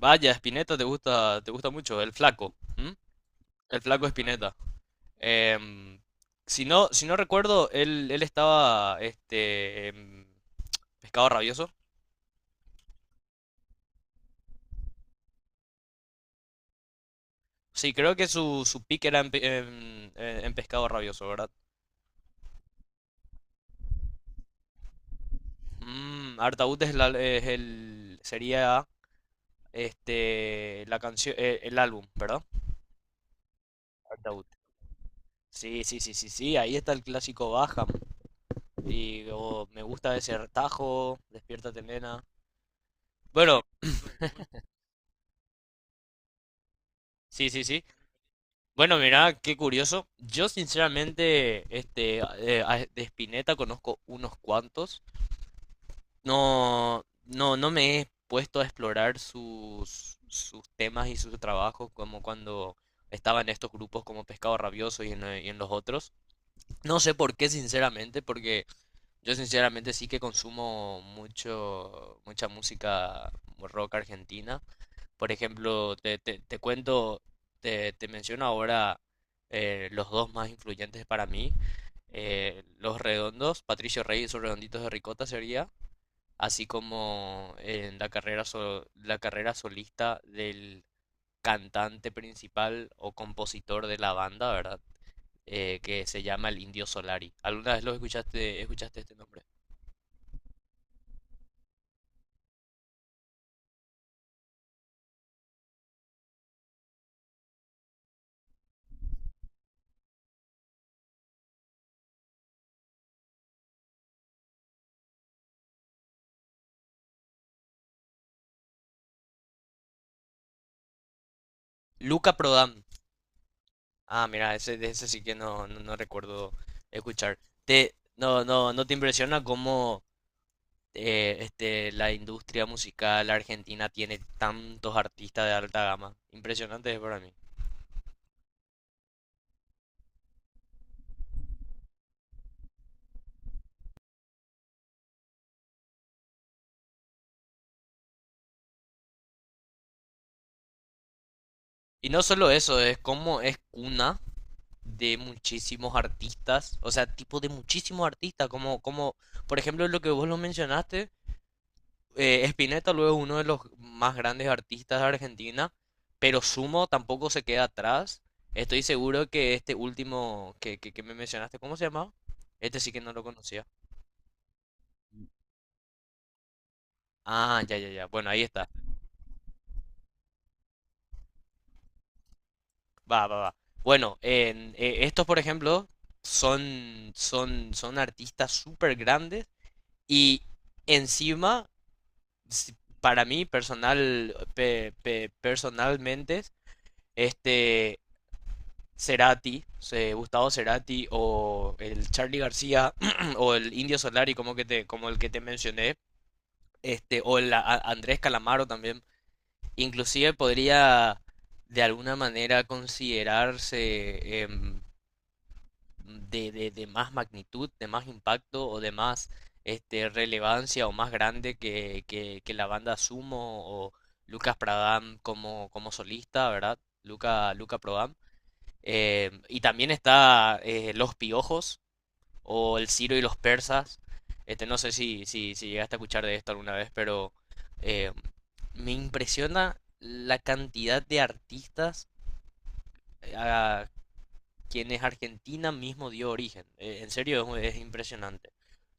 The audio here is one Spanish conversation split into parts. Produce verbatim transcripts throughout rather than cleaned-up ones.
Vaya, Spinetta te gusta, te gusta mucho, el flaco, ¿m? El flaco Spinetta. Em, si no, si no recuerdo, él, él estaba este, en Pescado Rabioso. Sí, creo que su, su pick era en, pe- en- en- en Pescado Rabioso, ¿verdad? Mm, Artaud es, la- es el, sería este, la canción, eh, el álbum, ¿verdad? Artaud. Sí, sí, sí, sí, sí, ahí está el clásico Baja. Y oh, me gusta ese tajo, Despiértate, nena. Bueno, sí, sí, sí. Bueno, mirá, qué curioso. Yo sinceramente, este, eh, a- de Spinetta conozco unos cuantos. No, no, no me he puesto a explorar sus, sus temas y sus trabajos como cuando estaba en estos grupos como Pescado Rabioso y en, eh, y en los otros. No sé por qué, sinceramente, porque yo sinceramente sí que consumo mucho, mucha música rock argentina. Por ejemplo, te, te- te cuento, te, te menciono ahora eh, los dos más influyentes para mí. Eh, los redondos, Patricio Rey y sus redonditos de ricota sería, así como en la carrera, so- la carrera solista del cantante principal o compositor de la banda, ¿verdad? Eh, que se llama el Indio Solari. ¿Alguna vez lo escuchaste, escuchaste este nombre? Luca Prodan. Ah, mira, ese, de ese sí que no, no, no recuerdo escuchar. Te, no, no, ¿no te impresiona cómo eh, este, la industria musical argentina tiene tantos artistas de alta gama? Impresionante es para mí. Y no solo eso, es como es cuna de muchísimos artistas, o sea, tipo de muchísimos artistas, como, como por ejemplo lo que vos lo mencionaste, eh, Spinetta luego es uno de los más grandes artistas de Argentina, pero Sumo tampoco se queda atrás. Estoy seguro que este último que, que, que me mencionaste, ¿cómo se llamaba? Este sí que no lo conocía. Ah, ya, ya, ya. Bueno, ahí está. Va, va, va. Bueno, en- eh, estos, por ejemplo, son, son, son artistas súper grandes y encima, si- para mí, personal, pe- pe- personalmente, este, Cerati, se- Gustavo Cerati o el Charlie García o el Indio Solari como que te, como el que te mencioné, este, o el a- Andrés Calamaro también, inclusive podría de alguna manera considerarse em, de, de- de más magnitud, de más impacto o de más este, relevancia o más grande que, que- que la banda Sumo o Lucas Pradam como, como solista, ¿verdad? Luca, Luca Prodan. Eh, y también está eh, Los Piojos o El Ciro y los Persas. Este, no sé si, si, si llegaste a escuchar de esto alguna vez, pero eh, me impresiona la cantidad de artistas eh, a quienes Argentina mismo dio origen. Eh, en serio, es, es impresionante.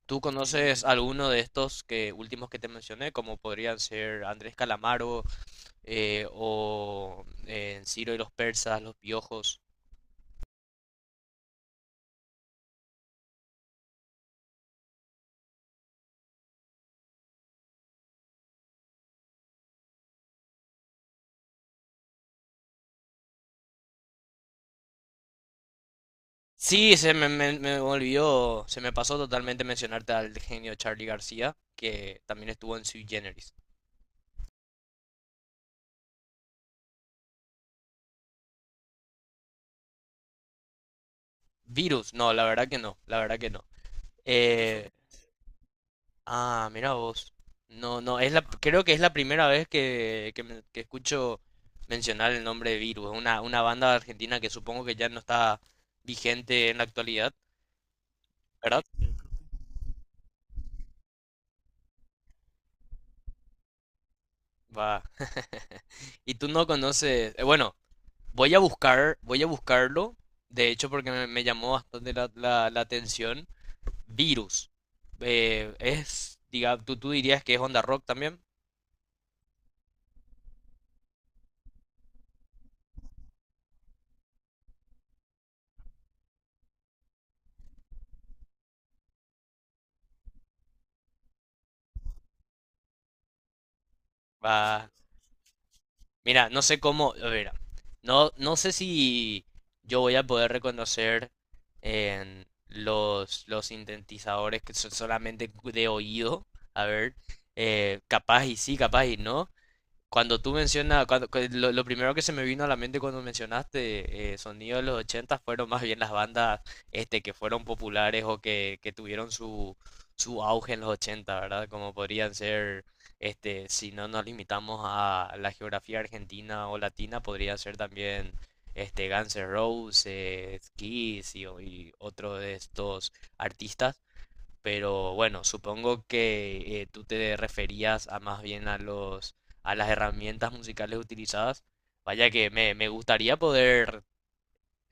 ¿Tú conoces alguno de estos que, últimos que te mencioné, como podrían ser Andrés Calamaro eh, o eh, Ciro y los Persas, Los Piojos? Sí, se me, me- me olvidó, se me pasó totalmente mencionarte al genio Charlie García, que también estuvo en Sui Generis. Virus, no, la verdad que no, la verdad que no. Eh, ah, mira vos. No, no, es la, creo que es la primera vez que, que, me- que escucho mencionar el nombre de Virus, una, una banda argentina que supongo que ya no está vigente en la actualidad, ¿verdad? Va. Y tú no conoces, eh, bueno, Voy a buscar, voy a buscarlo, de hecho, porque me, me llamó bastante la, la- la atención. Virus. Eh, es, diga, tú, tú dirías que es onda rock también. Va, mira, no sé cómo, a ver, no, no sé si yo voy a poder reconocer en los, los sintetizadores que son solamente de oído. A ver, eh, capaz y sí, capaz y no. Cuando tú mencionas, cuando, cu- lo, lo primero que se me vino a la mente cuando mencionaste eh, sonido de los ochenta fueron más bien las bandas este, que fueron populares o que, que tuvieron su, su auge en los ochenta, ¿verdad? Como podrían ser, este, si no nos limitamos a la geografía argentina o latina, podría ser también este, Guns N' Roses, Kiss y, y otro de estos artistas, pero bueno, supongo que eh, tú te referías a más bien a los, a las herramientas musicales utilizadas. Vaya que me, me gustaría poder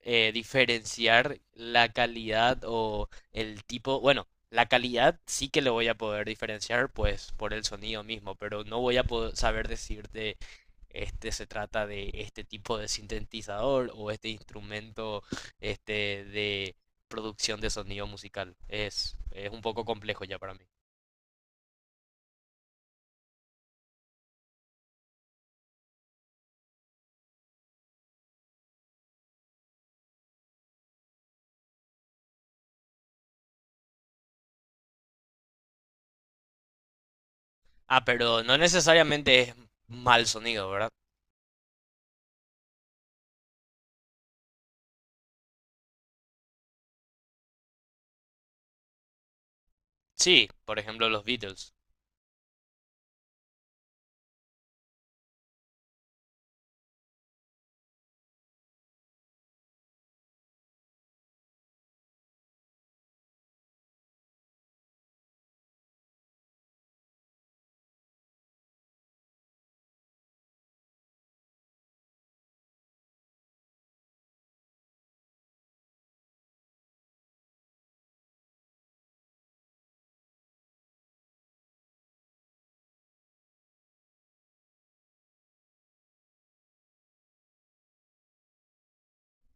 eh, diferenciar la calidad o el tipo, bueno, la calidad sí que le voy a poder diferenciar pues por el sonido mismo, pero no voy a poder saber decirte este se trata de este tipo de sintetizador o este instrumento este de producción de sonido musical. Es, es un poco complejo ya para mí. Ah, pero no necesariamente es mal sonido, ¿verdad? Sí, por ejemplo los Beatles.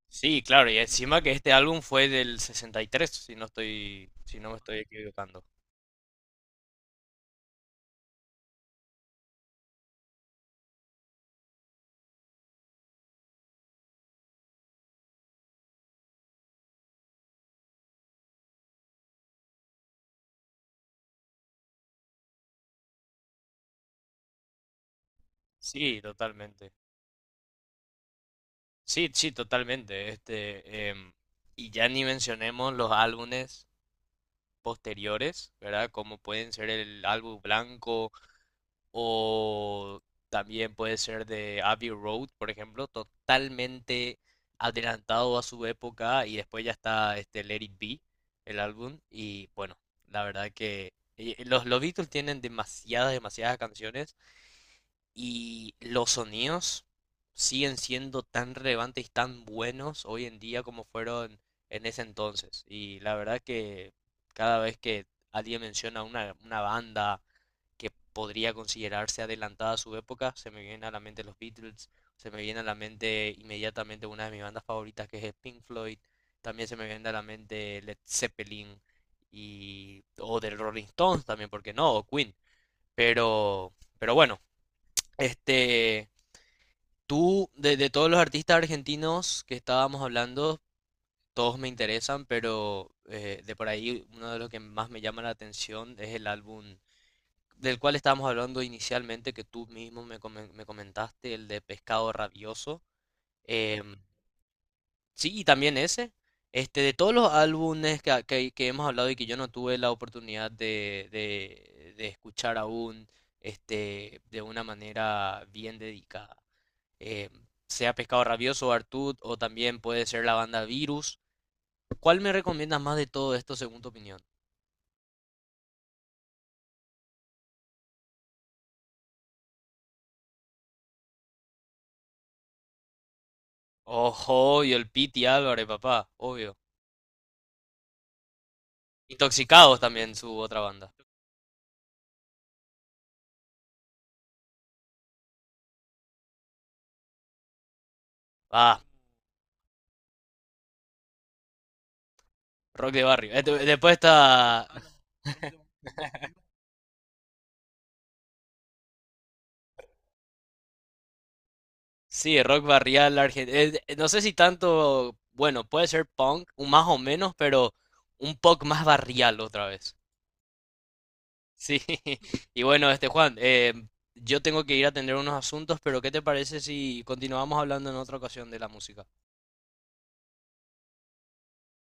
Sí, claro, y encima que este álbum fue del sesenta y tres, si no estoy, si no me estoy equivocando. Sí, totalmente. Sí, sí, totalmente. Este, em, y ya ni mencionemos los álbumes posteriores, ¿verdad? Como pueden ser el álbum blanco, o también puede ser de Abbey Road, por ejemplo, totalmente adelantado a su época y después ya está este Let It Be, el álbum y bueno, la verdad que eh, eh, los, los Beatles tienen demasiadas, demasiadas canciones y los sonidos siguen siendo tan relevantes y tan buenos hoy en día como fueron en ese entonces. Y la verdad que cada vez que alguien menciona una, una banda que podría considerarse adelantada a su época. Se me vienen a la mente los Beatles, se me viene a la mente inmediatamente una de mis bandas favoritas que es Pink Floyd, también se me viene a la mente Led Zeppelin y o del Rolling Stones también, porque no, o Queen. Pero, pero bueno, este, tú de, de todos los artistas argentinos que estábamos hablando, todos me interesan, pero eh, de por ahí uno de los que más me llama la atención es el álbum del cual estábamos hablando inicialmente, que tú mismo me, come- me comentaste, el de Pescado Rabioso. Em, sí, y también ese. Este, de todos los álbumes que, que- que hemos hablado y que yo no tuve la oportunidad de, de- de escuchar aún, este, de una manera bien dedicada. Em, Sea Pescado Rabioso o Artud, o también puede ser la banda Virus. ¿Cuál me recomiendas más de todo esto según tu opinión? Ojo, y el Piti Álvarez, papá, obvio. Intoxicados también su otra banda. Ah, rock de barrio. Eh, de- Después está. Sí, rock barrial argentino. No sé si tanto. Bueno, puede ser punk, un más o menos, pero un poco más barrial otra vez. Sí. Y bueno, este Juan, eh, yo tengo que ir a atender unos asuntos, pero ¿qué te parece si continuamos hablando en otra ocasión de la música?